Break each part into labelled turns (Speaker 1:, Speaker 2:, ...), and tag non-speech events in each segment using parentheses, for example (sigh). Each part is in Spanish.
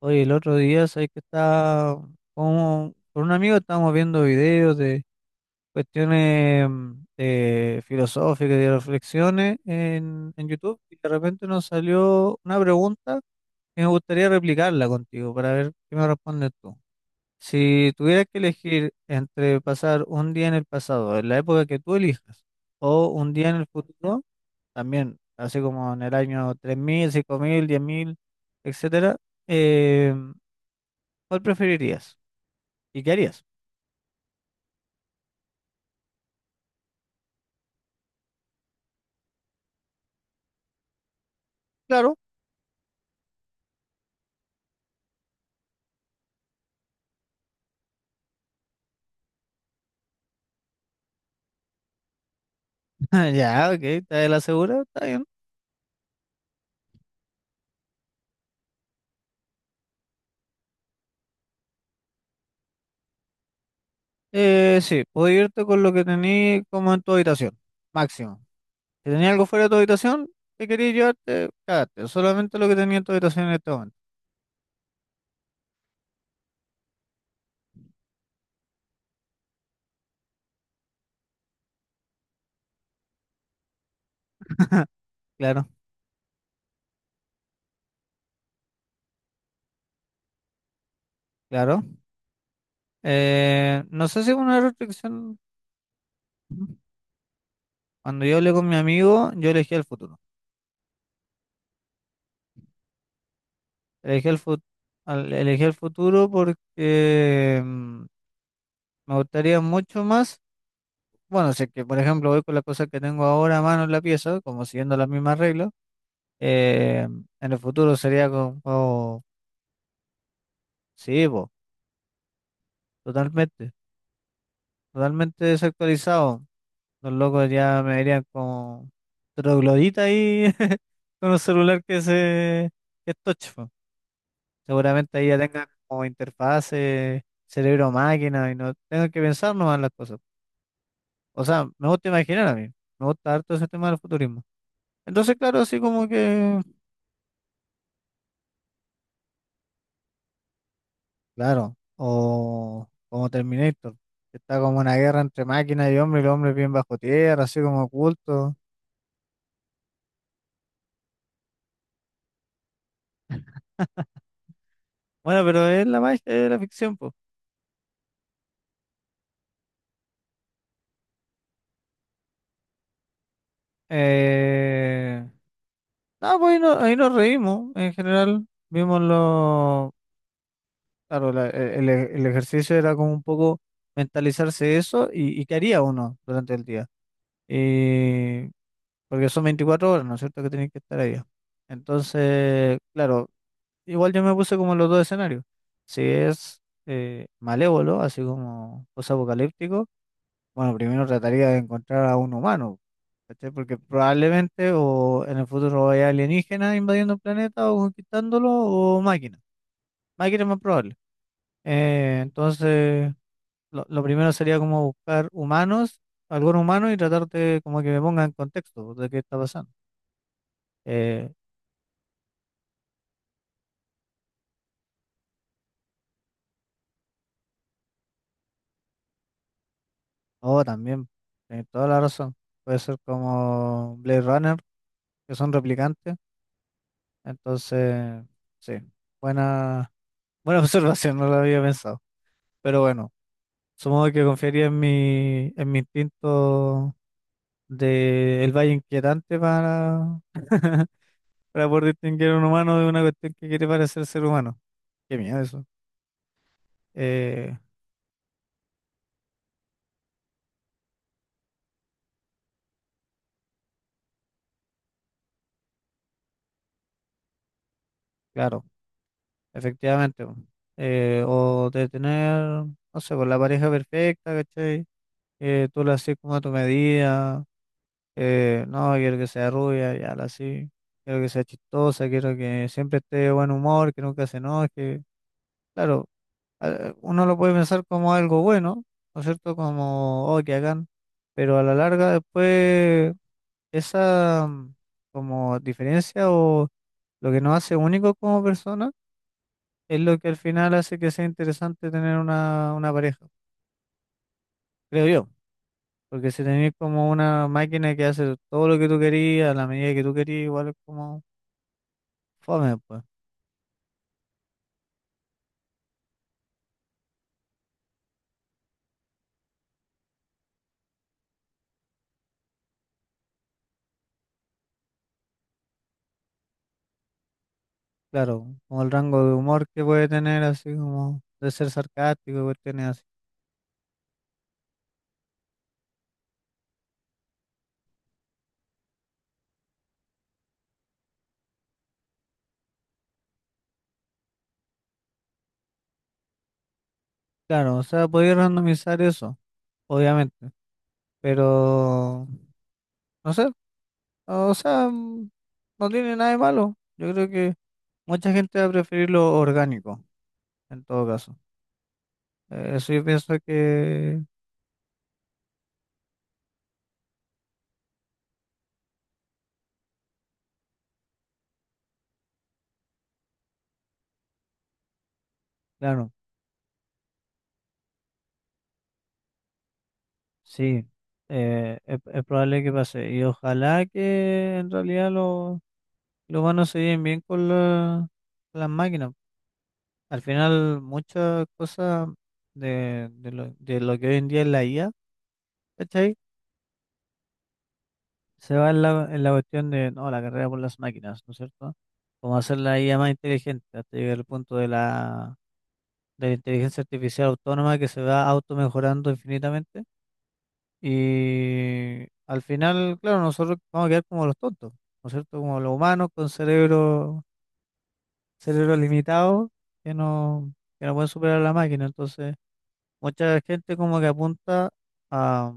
Speaker 1: Oye, el otro día, ¿sabes que estaba como, con un amigo estábamos viendo videos de cuestiones filosóficas y de reflexiones en YouTube y de repente nos salió una pregunta que me gustaría replicarla contigo para ver qué me respondes tú. Si tuvieras que elegir entre pasar un día en el pasado, en la época que tú elijas, o un día en el futuro, también, así como en el año tres mil cinco mil diez mil etcétera, eh, ¿cuál preferirías? ¿Y qué harías? Claro. (laughs) Ya, ok, está de la segura, está bien. Sí, puedes irte con lo que tenías como en tu habitación, máximo. Si tenías algo fuera de tu habitación, te querías llevarte, cagaste. Solamente lo que tenía en tu habitación en este momento. Claro, claro. No sé si es una restricción. Cuando yo hablé con mi amigo, yo elegí el futuro. Elegí el, fut- Elegí el futuro porque me gustaría mucho más. Bueno, si es que, por ejemplo, voy con la cosa que tengo ahora a mano en la pieza, como siguiendo las mismas reglas, eh, en el futuro sería con juego, sí, po, totalmente, totalmente desactualizado. Los locos ya me verían como troglodita ahí (laughs) con un celular que es touch, po. Seguramente ahí ya tengan como interfaces cerebro-máquina, y no tengo que pensar nomás las cosas. O sea, me gusta imaginar a mí, me gusta harto ese tema del futurismo. Entonces, claro, así como que. Claro, o como Terminator, que está como una guerra entre máquinas y hombres, y los hombres bien bajo tierra, así como ocultos. Bueno, pero es la magia de la ficción, pues. Eh... No, pues ahí, ahí nos reímos en general. Vimos lo. Claro, el ejercicio era como un poco mentalizarse eso y qué haría uno durante el día. Y... Porque son 24 horas, ¿no es cierto? Que tienen que estar ahí. Entonces, claro, igual yo me puse como los dos escenarios. Si es malévolo, así como post-apocalíptico, bueno, primero trataría de encontrar a un humano, ¿cachai? Porque probablemente o en el futuro haya alienígenas invadiendo el planeta o conquistándolo o máquinas. Máquinas es más probable. Entonces, lo primero sería como buscar humanos, algún humano y tratar de como que me ponga en contexto de qué está pasando. Eh, oh, también, tenés toda la razón. Puede ser como Blade Runner que son replicantes. Entonces, sí, buena, (laughs) buena observación, no lo había pensado. Pero bueno, supongo que confiaría en mi instinto de el valle inquietante para, (laughs) para poder distinguir a un humano de una cuestión que quiere parecer ser humano. Qué miedo eso. Eh, claro, efectivamente. Bueno. O de tener, no sé, pues la pareja perfecta, ¿cachai? Que tú la haces como a tu medida. No, quiero que sea rubia, ya la sí. Quiero que sea chistosa, quiero que siempre esté de buen humor, que nunca se enoje. Claro, uno lo puede pensar como algo bueno, ¿no es cierto? Como, oh, que hagan. Pero a la larga después esa como diferencia o lo que nos hace únicos como personas es lo que al final hace que sea interesante tener una pareja, creo yo. Porque si tenés como una máquina que hace todo lo que tú querías, a la medida que tú querías, igual es como... Fome, pues, claro, como el rango de humor que puede tener, así como de ser sarcástico, y cuestiones así. Claro, o sea, podía randomizar eso, obviamente, pero no sé, o sea, no tiene nada de malo. Yo creo que mucha gente va a preferir lo orgánico, en todo caso. Eso yo pienso que, claro, sí, es probable que pase. Y ojalá que en realidad los humanos se lleven bien con las máquinas. Al final, muchas cosas de lo que hoy en día es la IA, ¿cachai? Se va en en la cuestión de, no, la carrera por las máquinas, ¿no es cierto? Como hacer la IA más inteligente, hasta llegar al punto de de la inteligencia artificial autónoma que se va automejorando infinitamente. Y al final, claro, nosotros vamos a quedar como los tontos, ¿no es cierto? Como los humanos con cerebro, cerebro limitado que no, que no pueden superar a la máquina. Entonces... Mucha gente como que apunta a,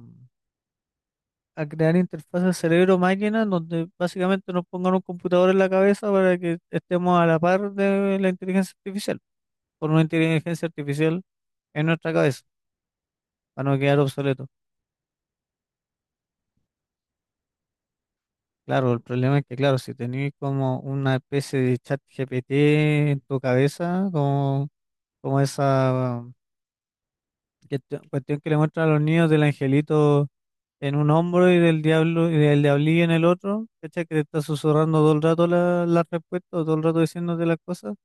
Speaker 1: a crear interfaces cerebro-máquina donde básicamente nos pongan un computador en la cabeza para que estemos a la par de la inteligencia artificial, por una inteligencia artificial en nuestra cabeza, para no quedar obsoleto. Claro, el problema es que, claro, si tenéis como una especie de chat GPT en tu cabeza, como, como esa que- cuestión que le muestran a los niños del angelito en un hombro y del diablo y del diablillo en el otro, ¿cachai? Que te está susurrando todo el rato la respuesta o todo el rato diciéndote las cosas,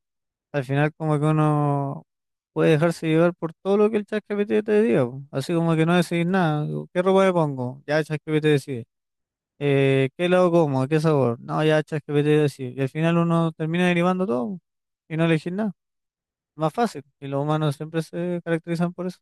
Speaker 1: al final como que uno puede dejarse llevar por todo lo que el ChatGPT te diga, po. Así como que no decís nada, digo, ¿qué ropa me pongo? Ya ChatGPT decide. ¿Qué lado como? ¿Qué sabor? No, ya ChatGPT decide. Y al final uno termina derivando todo po, y no elegir nada. Más fácil. Y los humanos siempre se caracterizan por eso.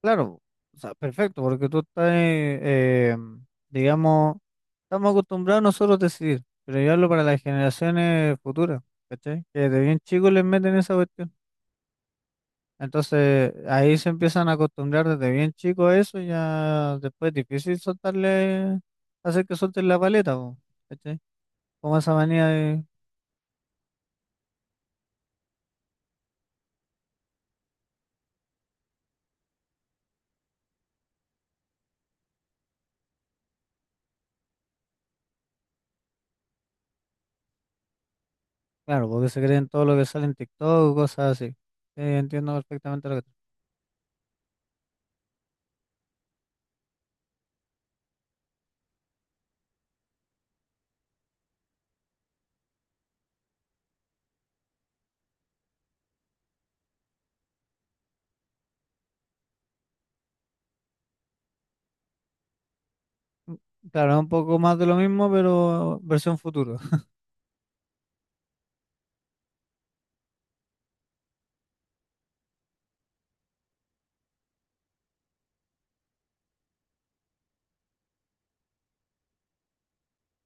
Speaker 1: Claro, o sea, perfecto, porque tú estás, digamos, estamos acostumbrados nosotros a decidir, pero yo hablo para las generaciones futuras, ¿cachai? Que desde bien chicos les meten esa cuestión. Entonces, ahí se empiezan a acostumbrar desde bien chicos a eso, y ya después es difícil soltarle, hacer que suelten la paleta, po, ¿cachai? Como esa manía de, claro, porque se creen todo lo que sale en TikTok, cosas así. Sí, entiendo perfectamente lo que... Claro, es un poco más de lo mismo, pero versión futuro.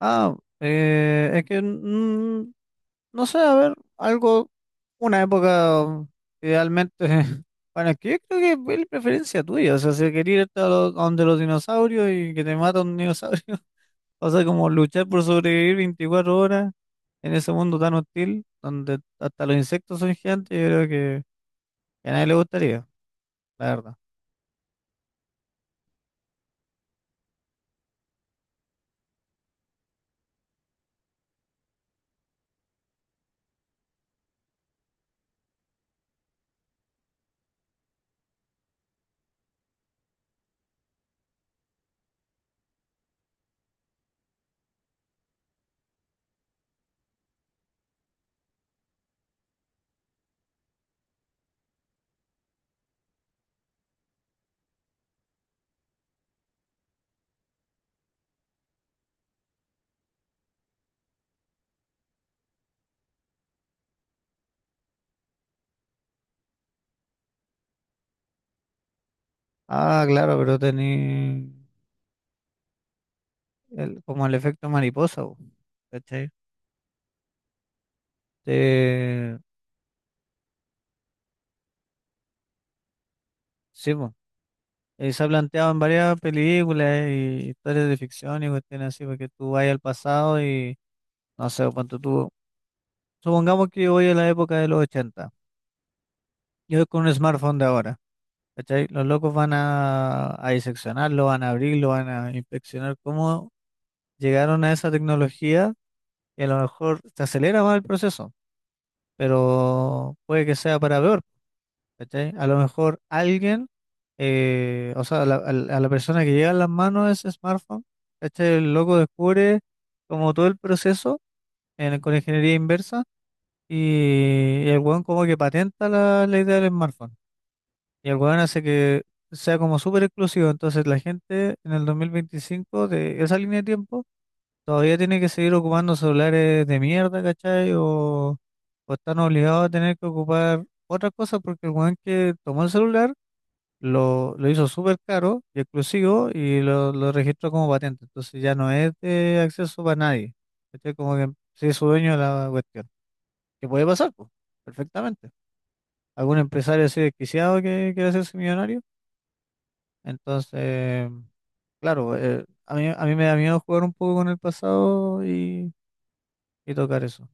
Speaker 1: Ah, es que no sé, a ver, algo, una época idealmente, (laughs) bueno, es que yo creo que es la preferencia tuya, o sea, si querías irte a a donde los dinosaurios y que te mata un dinosaurio, (laughs) o sea, como luchar por sobrevivir 24 horas en ese mundo tan hostil, donde hasta los insectos son gigantes, yo creo que a nadie le gustaría, la verdad. Ah, claro, pero tenía como el efecto mariposa, po, ¿cachai? Te- Sí, po. Se ha planteado en varias películas y historias de ficción y cuestiones así, porque tú vas al pasado y no sé cuánto tú. Supongamos que yo voy a la época de los 80. Yo voy con un smartphone de ahora, ¿cachai? Los locos van a diseccionarlo, van a abrirlo, van a inspeccionar cómo llegaron a esa tecnología y a lo mejor se acelera más el proceso, pero puede que sea para peor. ¿Cachai? A lo mejor alguien, o sea, a la persona que llega en las manos ese smartphone, ¿cachai? El loco descubre como todo el proceso con ingeniería inversa y el weón como que patenta la idea del smartphone. Y el weón hace que sea como súper exclusivo. Entonces la gente en el 2025 de esa línea de tiempo todavía tiene que seguir ocupando celulares de mierda, ¿cachai? O están obligados a tener que ocupar otras cosas porque el weón que tomó el celular lo hizo súper caro y exclusivo lo registró como patente. Entonces ya no es de acceso para nadie. ¿Cachai? Como que sí es su dueño de la cuestión. Que puede pasar, pues, perfectamente. Algún empresario así desquiciado que quiere hacerse millonario. Entonces, claro, a mí me da miedo jugar un poco con el pasado y tocar eso.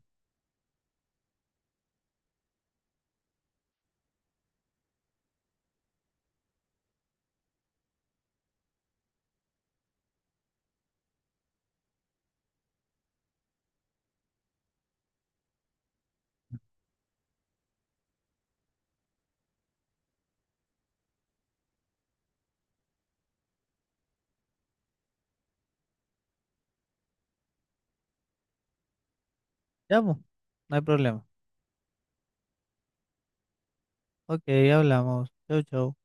Speaker 1: Ya, pues, no hay problema. Ok, hablamos. Chau, chau.